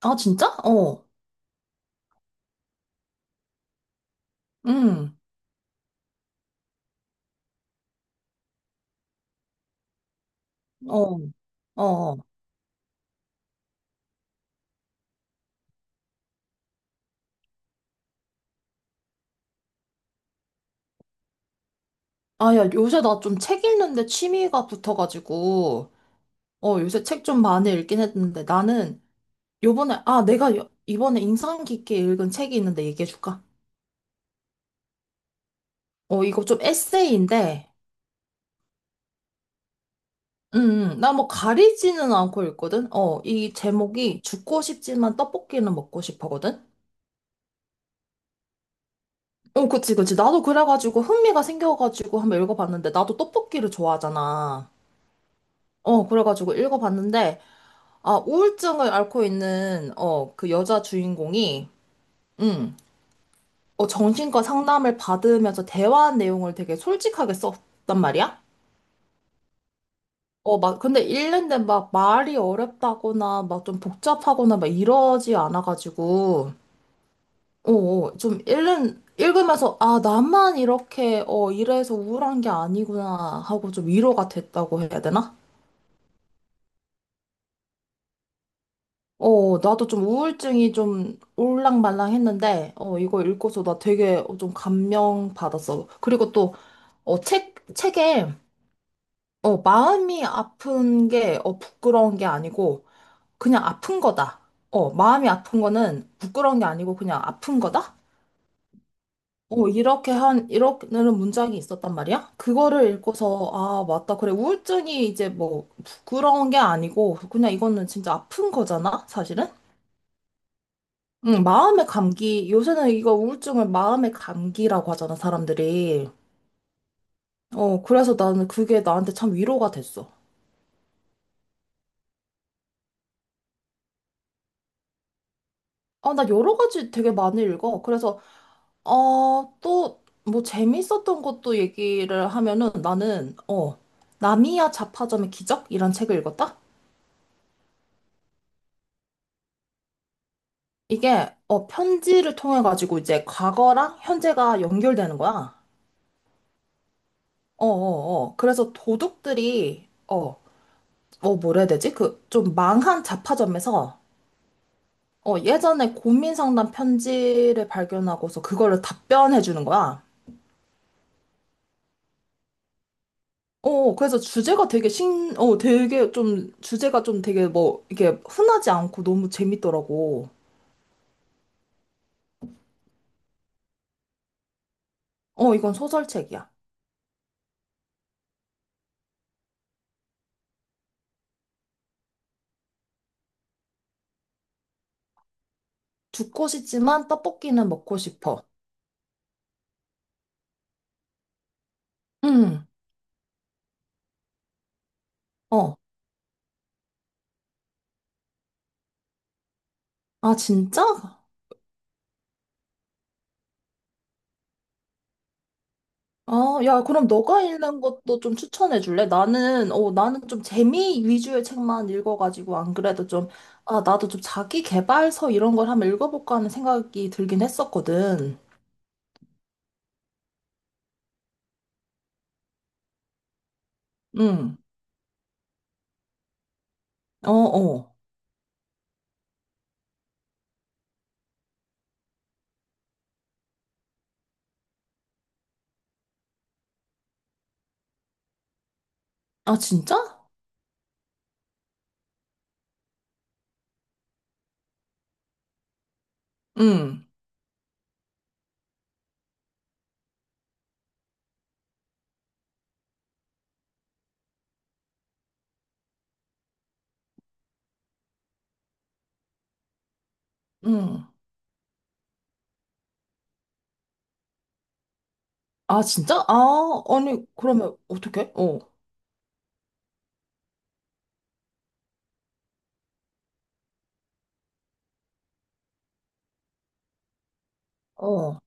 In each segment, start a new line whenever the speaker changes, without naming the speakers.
아, 진짜? 어. 응. 어. 어. 아, 야, 요새 나 좀 책 읽는데 취미가 붙어가지고, 요새 책 좀 많이 읽긴 했는데, 나는 요번에, 아, 내가 이번에 인상 깊게 읽은 책이 있는데 얘기해줄까? 어, 이거 좀 에세이인데. 음, 나 뭐 가리지는 않고 읽거든? 이 제목이 죽고 싶지만 떡볶이는 먹고 싶어거든? 어, 그치, 그치. 나도 그래가지고 흥미가 생겨가지고 한번 읽어봤는데, 나도 떡볶이를 좋아하잖아. 그래가지고 읽어봤는데, 아, 우울증을 앓고 있는, 그 여자 주인공이, 음, 정신과 상담을 받으면서 대화한 내용을 되게 솔직하게 썼단 말이야? 막, 근데 읽는데 막 말이 어렵다거나, 막 좀 복잡하거나, 막 이러지 않아가지고, 좀 읽으면서, 아, 나만 이렇게, 이래서 우울한 게 아니구나 하고 좀 위로가 됐다고 해야 되나? 나도 좀 우울증이 좀 올랑말랑했는데, 이거 읽고서 나 되게 좀 감명 받았어. 그리고 또, 책에, 마음이 아픈 게, 부끄러운 게 아니고, 그냥 아픈 거다. 마음이 아픈 거는 부끄러운 게 아니고, 그냥 아픈 거다? 이렇게는 문장이 있었단 말이야? 그거를 읽고서, 아, 맞다. 그래, 우울증이 이제 뭐, 부끄러운 게 아니고, 그냥 이거는 진짜 아픈 거잖아? 사실은? 응, 마음의 감기. 요새는 이거 우울증을 마음의 감기라고 하잖아, 사람들이. 그래서 나는 그게 나한테 참 위로가 됐어. 아, 나 여러 가지 되게 많이 읽어. 그래서, 또, 뭐, 재밌었던 것도 얘기를 하면은 나는, 나미야 자파점의 기적이란 책을 읽었다? 이게, 편지를 통해가지고 이제 과거랑 현재가 연결되는 거야. 어, 어, 어. 그래서 도둑들이, 뭐라 해야 되지? 그, 좀 망한 자파점에서 예전에 고민 상담 편지를 발견하고서 그거를 답변해 주는 거야. 그래서 주제가 되게 신, 어, 되게 좀, 주제가 좀 되게 뭐, 이게 흔하지 않고 너무 재밌더라고. 어, 이건 소설책이야. 죽고 싶지만 떡볶이는 먹고 싶어. 응, 어. 아, 진짜? 아, 야, 그럼 너가 읽는 것도 좀 추천해 줄래? 나는 좀 재미 위주의 책만 읽어가지고, 안 그래도 좀, 아, 나도 좀 자기 개발서 이런 걸 한번 읽어볼까 하는 생각이 들긴 했었거든. 응, 어, 어. 아, 진짜? 응, 응. 아, 진짜? 아, 아니, 그러면 어떡해? 어, 어,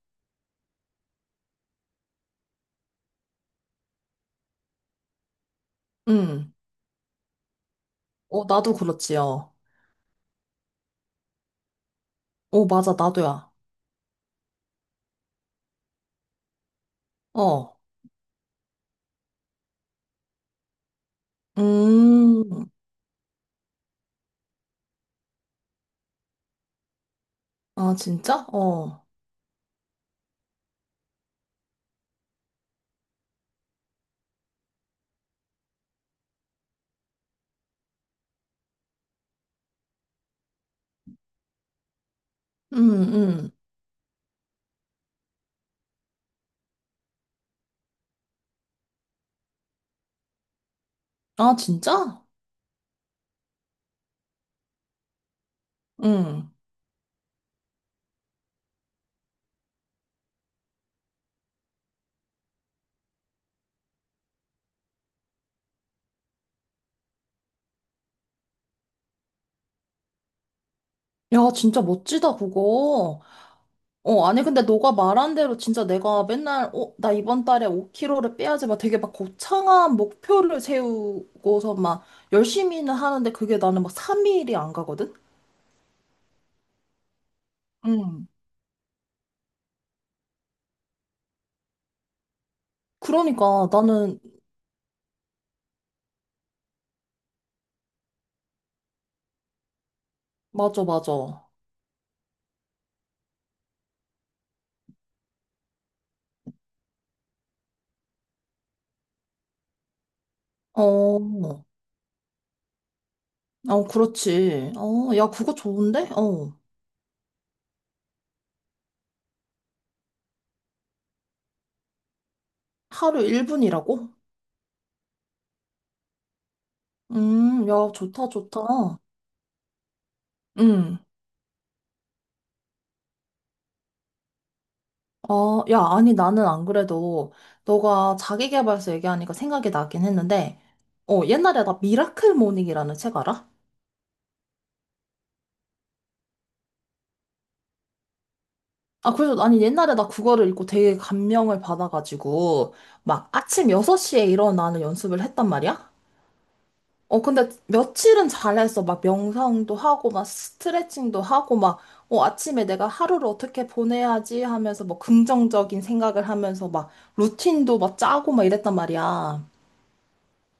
응. 어, 나도 그렇지요. 어, 어, 맞아, 나도야. 어, 음, 아, 진짜? 어, 음, 음. 아, 진짜? 응. 야, 진짜 멋지다, 그거. 어, 아니, 근데 너가 말한 대로 진짜 내가 맨날, 나 이번 달에 5kg를 빼야지, 막 되게 막 거창한 목표를 세우고서 막 열심히는 하는데 그게 나는 막 3일이 안 가거든? 응. 그러니까 나는, 맞아, 맞아. 어, 어, 그렇지. 어, 야, 그거 좋은데? 어, 하루 1분이라고? 야, 좋다, 좋다. 음. 어, 야, 아니, 나는 안 그래도 너가 자기계발서 얘기하니까 생각이 나긴 했는데, 옛날에 나 미라클 모닝이라는 책 알아? 아, 그래서, 아니, 옛날에 나 그거를 읽고 되게 감명을 받아가지고, 막 아침 6시에 일어나는 연습을 했단 말이야? 어, 근데 며칠은 잘했어. 막 명상도 하고, 막 스트레칭도 하고, 막, 아침에 내가 하루를 어떻게 보내야지 하면서, 뭐, 긍정적인 생각을 하면서, 막, 루틴도 막 짜고, 막 이랬단 말이야.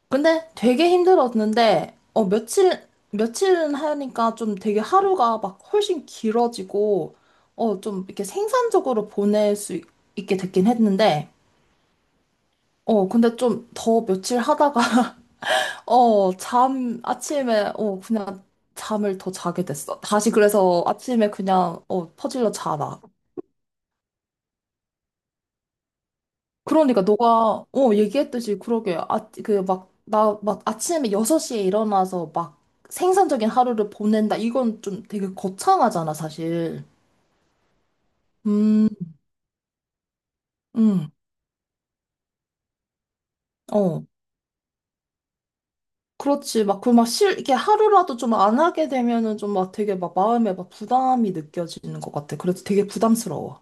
근데 되게 힘들었는데, 며칠은 하니까 좀 되게 하루가 막 훨씬 길어지고, 좀 이렇게 생산적으로 보낼 수 있게 됐긴 했는데, 근데 좀 더 며칠 하다가, 아침에, 그냥 잠을 더 자게 됐어. 다시 그래서 아침에 그냥, 퍼질러 자라. 그러니까 너가 얘기했듯이 그러게 아그막나막 아침에 6시에 일어나서 막 생산적인 하루를 보낸다, 이건 좀 되게 거창하잖아, 사실. 음 음 어, 그렇지. 막 그 막 실 이렇게 하루라도 좀 안 하게 되면은 좀 막 되게 막 마음에 막 부담이 느껴지는 것 같아. 그래서 되게 부담스러워.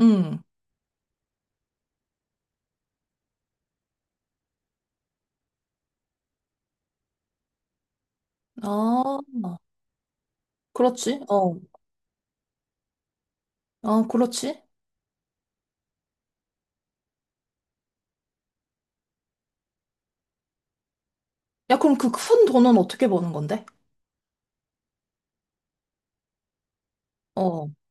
음아 그렇지. 어아 그렇지. 야, 그럼 그 큰 돈은 어떻게 버는 건데? 어,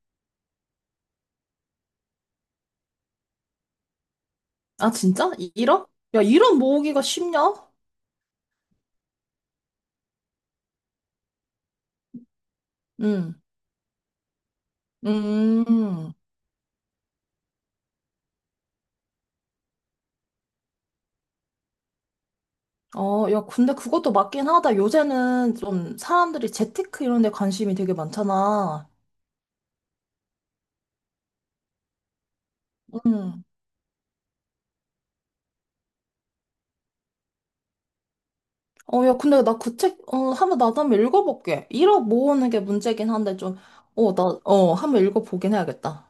아, 진짜? 일억? 야, 일억 모으기가 쉽냐? 음, 음, 어, 야, 근데 그것도 맞긴 하다. 요새는 좀 사람들이 재테크 이런 데 관심이 되게 많잖아. 음, 어, 야, 근데 나 그 책, 한번 나도 한번 읽어볼게. 일억 모으는 게 문제긴 한데 좀, 한번 읽어보긴 해야겠다.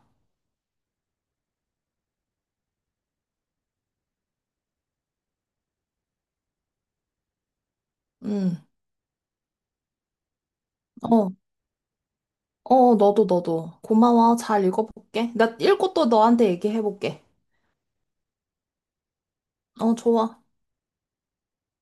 음, 어, 어, 너도, 너도. 고마워. 잘 읽어볼게. 나 읽고 또 너한테 얘기해볼게. 어, 좋아.